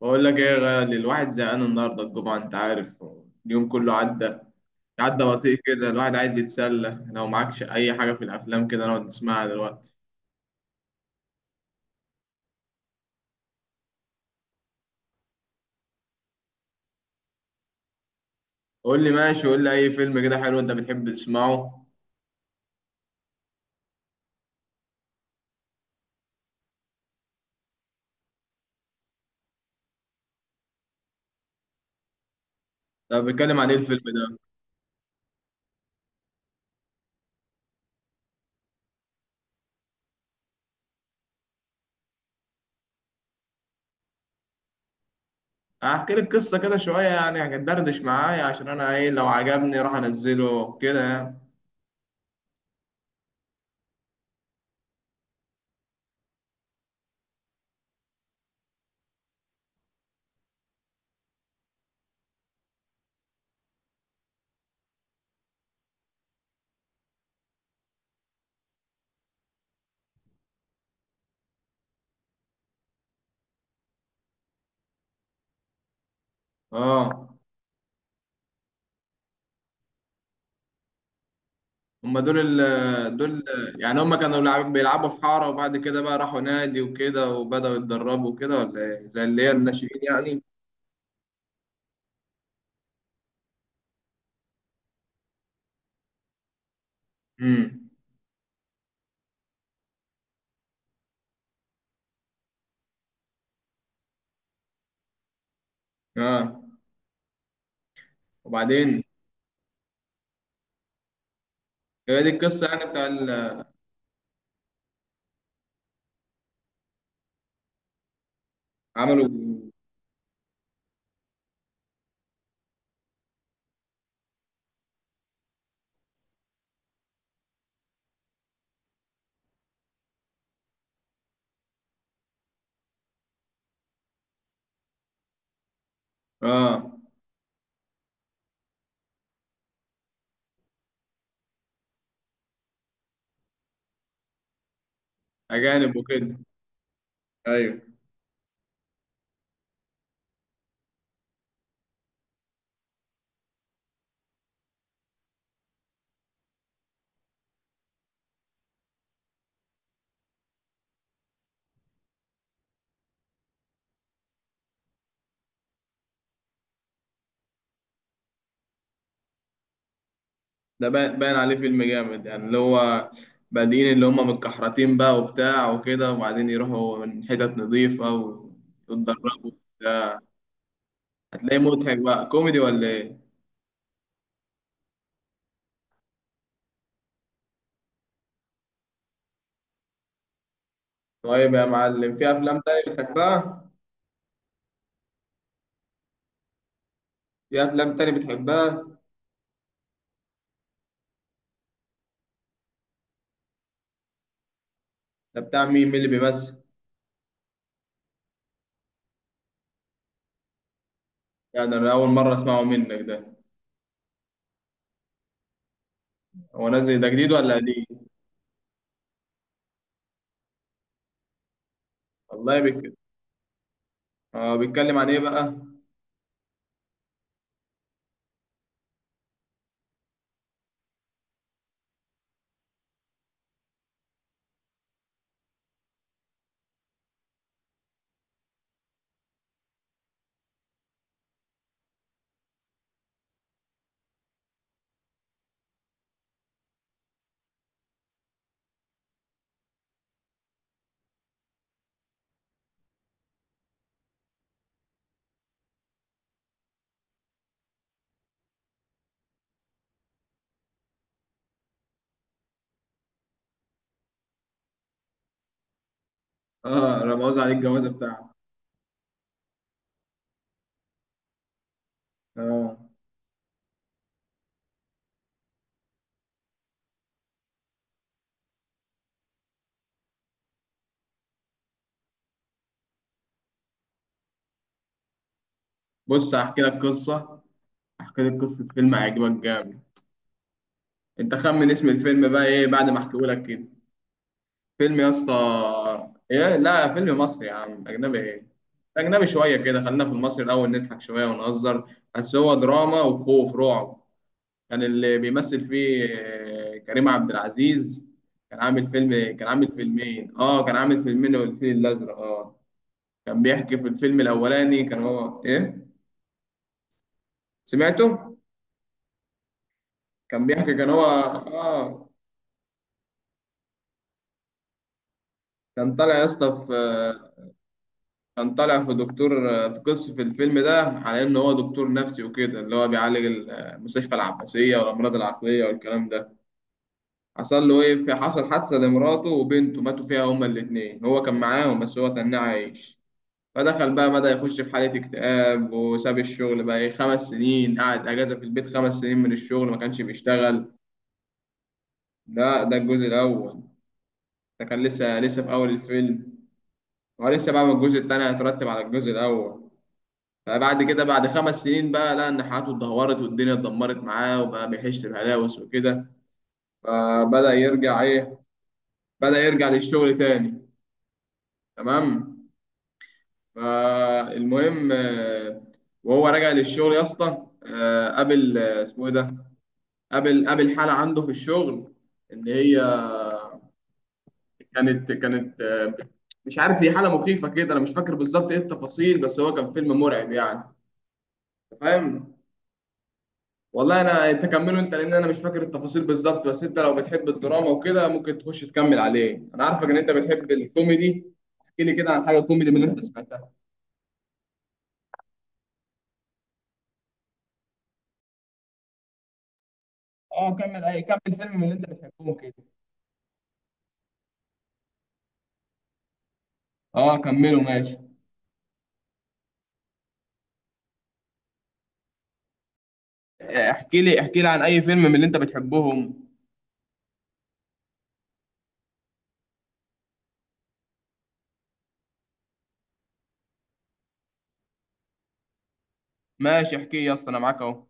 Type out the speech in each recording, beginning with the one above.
بقول لك ايه يا غالي؟ الواحد زهقان النهارده الجمعه، انت عارف. اليوم كله عدى، عدى بطيء كده. الواحد عايز يتسلى، لو معكش اي حاجه في الافلام كده نقعد نسمعها دلوقتي. قول لي، ماشي، قول لي اي فيلم كده حلو انت بتحب تسمعه. طب بيتكلم عن ايه الفيلم ده؟ هحكي لك قصه كده شويه يعني، هتدردش معايا عشان انا ايه، لو عجبني راح انزله كده يعني. اه. هما دول ال دول يعني هما كانوا بيلعبوا في حارة، وبعد كده بقى راحوا نادي وكده وبدأوا يتدربوا وكده، ولا ايه زي اللي هي الناشئين يعني؟ امم. اه. وبعدين؟ هي دي القصه يعني بتاع ال-. عملوا. اه. اجانب وكده. ايوه. ده باين عليه فيلم جامد يعني، اللي هو بادئين اللي هم متكحرتين بقى وبتاع وكده، وبعدين يروحوا من حتت نظيفه ويتدربوا. هتلاقيه مضحك بقى كوميدي ولا ايه؟ طيب يا معلم، في افلام تانية بتحبها؟ في افلام تانية بتحبها ده بتاع مين اللي بيمثل؟ يعني انا اول مره اسمعه منك ده. هو نازل ده جديد ولا قديم؟ والله بك. اه، بيتكلم عن ايه بقى؟ اه، رموز عن الجوازه بتاعته. اه. بص هحكي لك قصه فيلم هيعجبك جامد. انت خمن اسم الفيلم بقى ايه بعد ما احكيه لك كده، فيلم يا اسطى. ايه؟ لا، فيلم مصري يا عم، اجنبي ايه. اجنبي شويه كده، خلينا في المصري الاول نضحك شويه ونهزر. بس هو دراما وخوف رعب. كان اللي بيمثل فيه كريم عبد العزيز. كان عامل فيلمين. اه. كان عامل فيلمين والفيل الازرق. اه. كان بيحكي في الفيلم الاولاني، كان هو ايه. سمعته. كان بيحكي، كان هو اه. كان طالع يا اسطى في كان طالع في دكتور. في قصة في الفيلم ده، على ان هو دكتور نفسي وكده، اللي هو بيعالج ال- المستشفى العباسية والامراض العقلية والكلام ده. حصل له ايه في حصل حادثة لمراته وبنته، ماتوا فيها هما الاتنين. هو كان معاهم بس هو تناه عايش. فدخل بقى، بدأ يخش في حالة اكتئاب، وساب الشغل بقى إيه، 5 سنين قعد أجازة في البيت. 5 سنين من الشغل ما كانش بيشتغل. ده الجزء الأول. ده كان لسه في أول الفيلم. هو لسه بقى، ما الجزء التاني هيترتب على الجزء الأول. فبعد كده، بعد 5 سنين بقى، لقى إن حياته اتدهورت والدنيا اتدمرت معاه، وبقى بيحس بهلاوس وكده. فبدأ يرجع إيه، بدأ يرجع للشغل تاني. تمام. فالمهم وهو راجع للشغل يا اسطى، قابل، اسمه إيه ده، قابل حالة عنده في الشغل، إن هي كانت. مش عارف هي حاله مخيفه كده، انا مش فاكر بالظبط ايه التفاصيل، بس هو كان فيلم مرعب يعني. أنت فاهم. والله انا، انت كمله انت، لان انا مش فاكر التفاصيل بالظبط. بس انت لو بتحب الدراما وكده ممكن تخش تكمل عليه. انا عارفك ان انت بتحب الكوميدي. احكي لي كده عن حاجه كوميدي من اللي انت سمعتها. اه كمل، اي كمل فيلم من اللي انت بتحبهم كده. اه كمله ماشي. احكي لي عن اي فيلم من اللي انت بتحبهم. ماشي، احكي يا اسطى انا معاك اهو.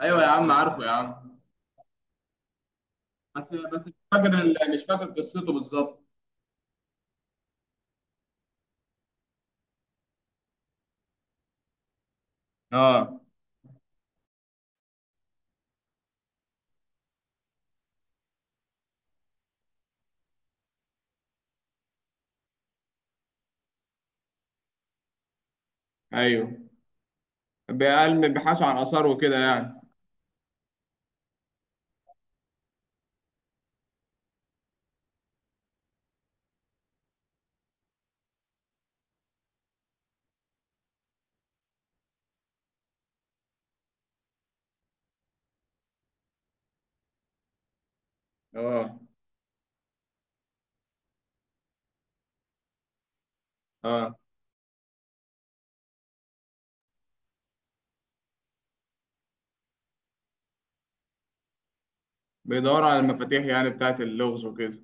ايوه يا عم، عارفه يا عم. بس مش فاكر قصته بالظبط. اه. ايوه، بيبحثوا عن آثار وكده يعني. اه. اه، بيدوروا على المفاتيح يعني، بتاعت اللغز وكده.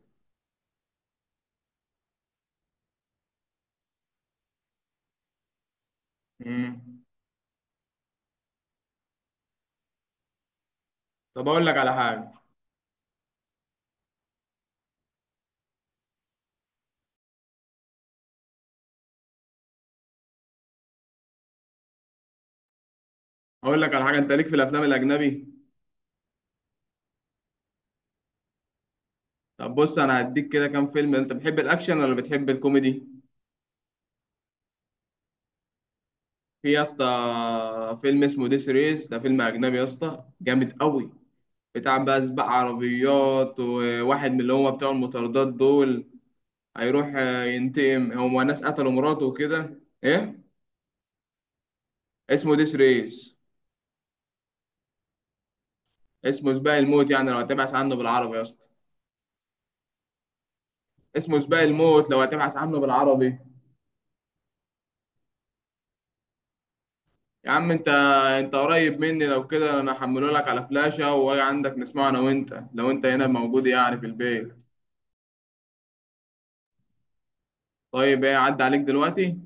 امم. طب أقول لك على حاجة، أنت ليك في الأفلام الأجنبي؟ طب بص، أنا هديك كده كام فيلم. أنت بتحب الأكشن ولا بتحب الكوميدي؟ في يا اسطى فيلم اسمه ديس ريس، ده فيلم أجنبي يا اسطى جامد قوي، بتاع بقى سباق عربيات وواحد من اللي هما بتوع المطاردات دول. هيروح ينتقم، هما ناس قتلوا مراته وكده إيه؟ اسمه ديس ريس. اسمه سباق الموت يعني لو هتبحث عنه بالعربي يا اسطى. اسمه سباق الموت لو هتبحث عنه بالعربي. يا عم انت، انت قريب مني لو كده انا هحمله لك على فلاشة واجي عندك نسمعه انا وانت، لو انت هنا موجود يعني في البيت. طيب ايه عدى عليك دلوقتي؟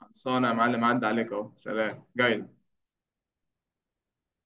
خلصانه يا معلم، عدى عليك اهو. سلام، جاي.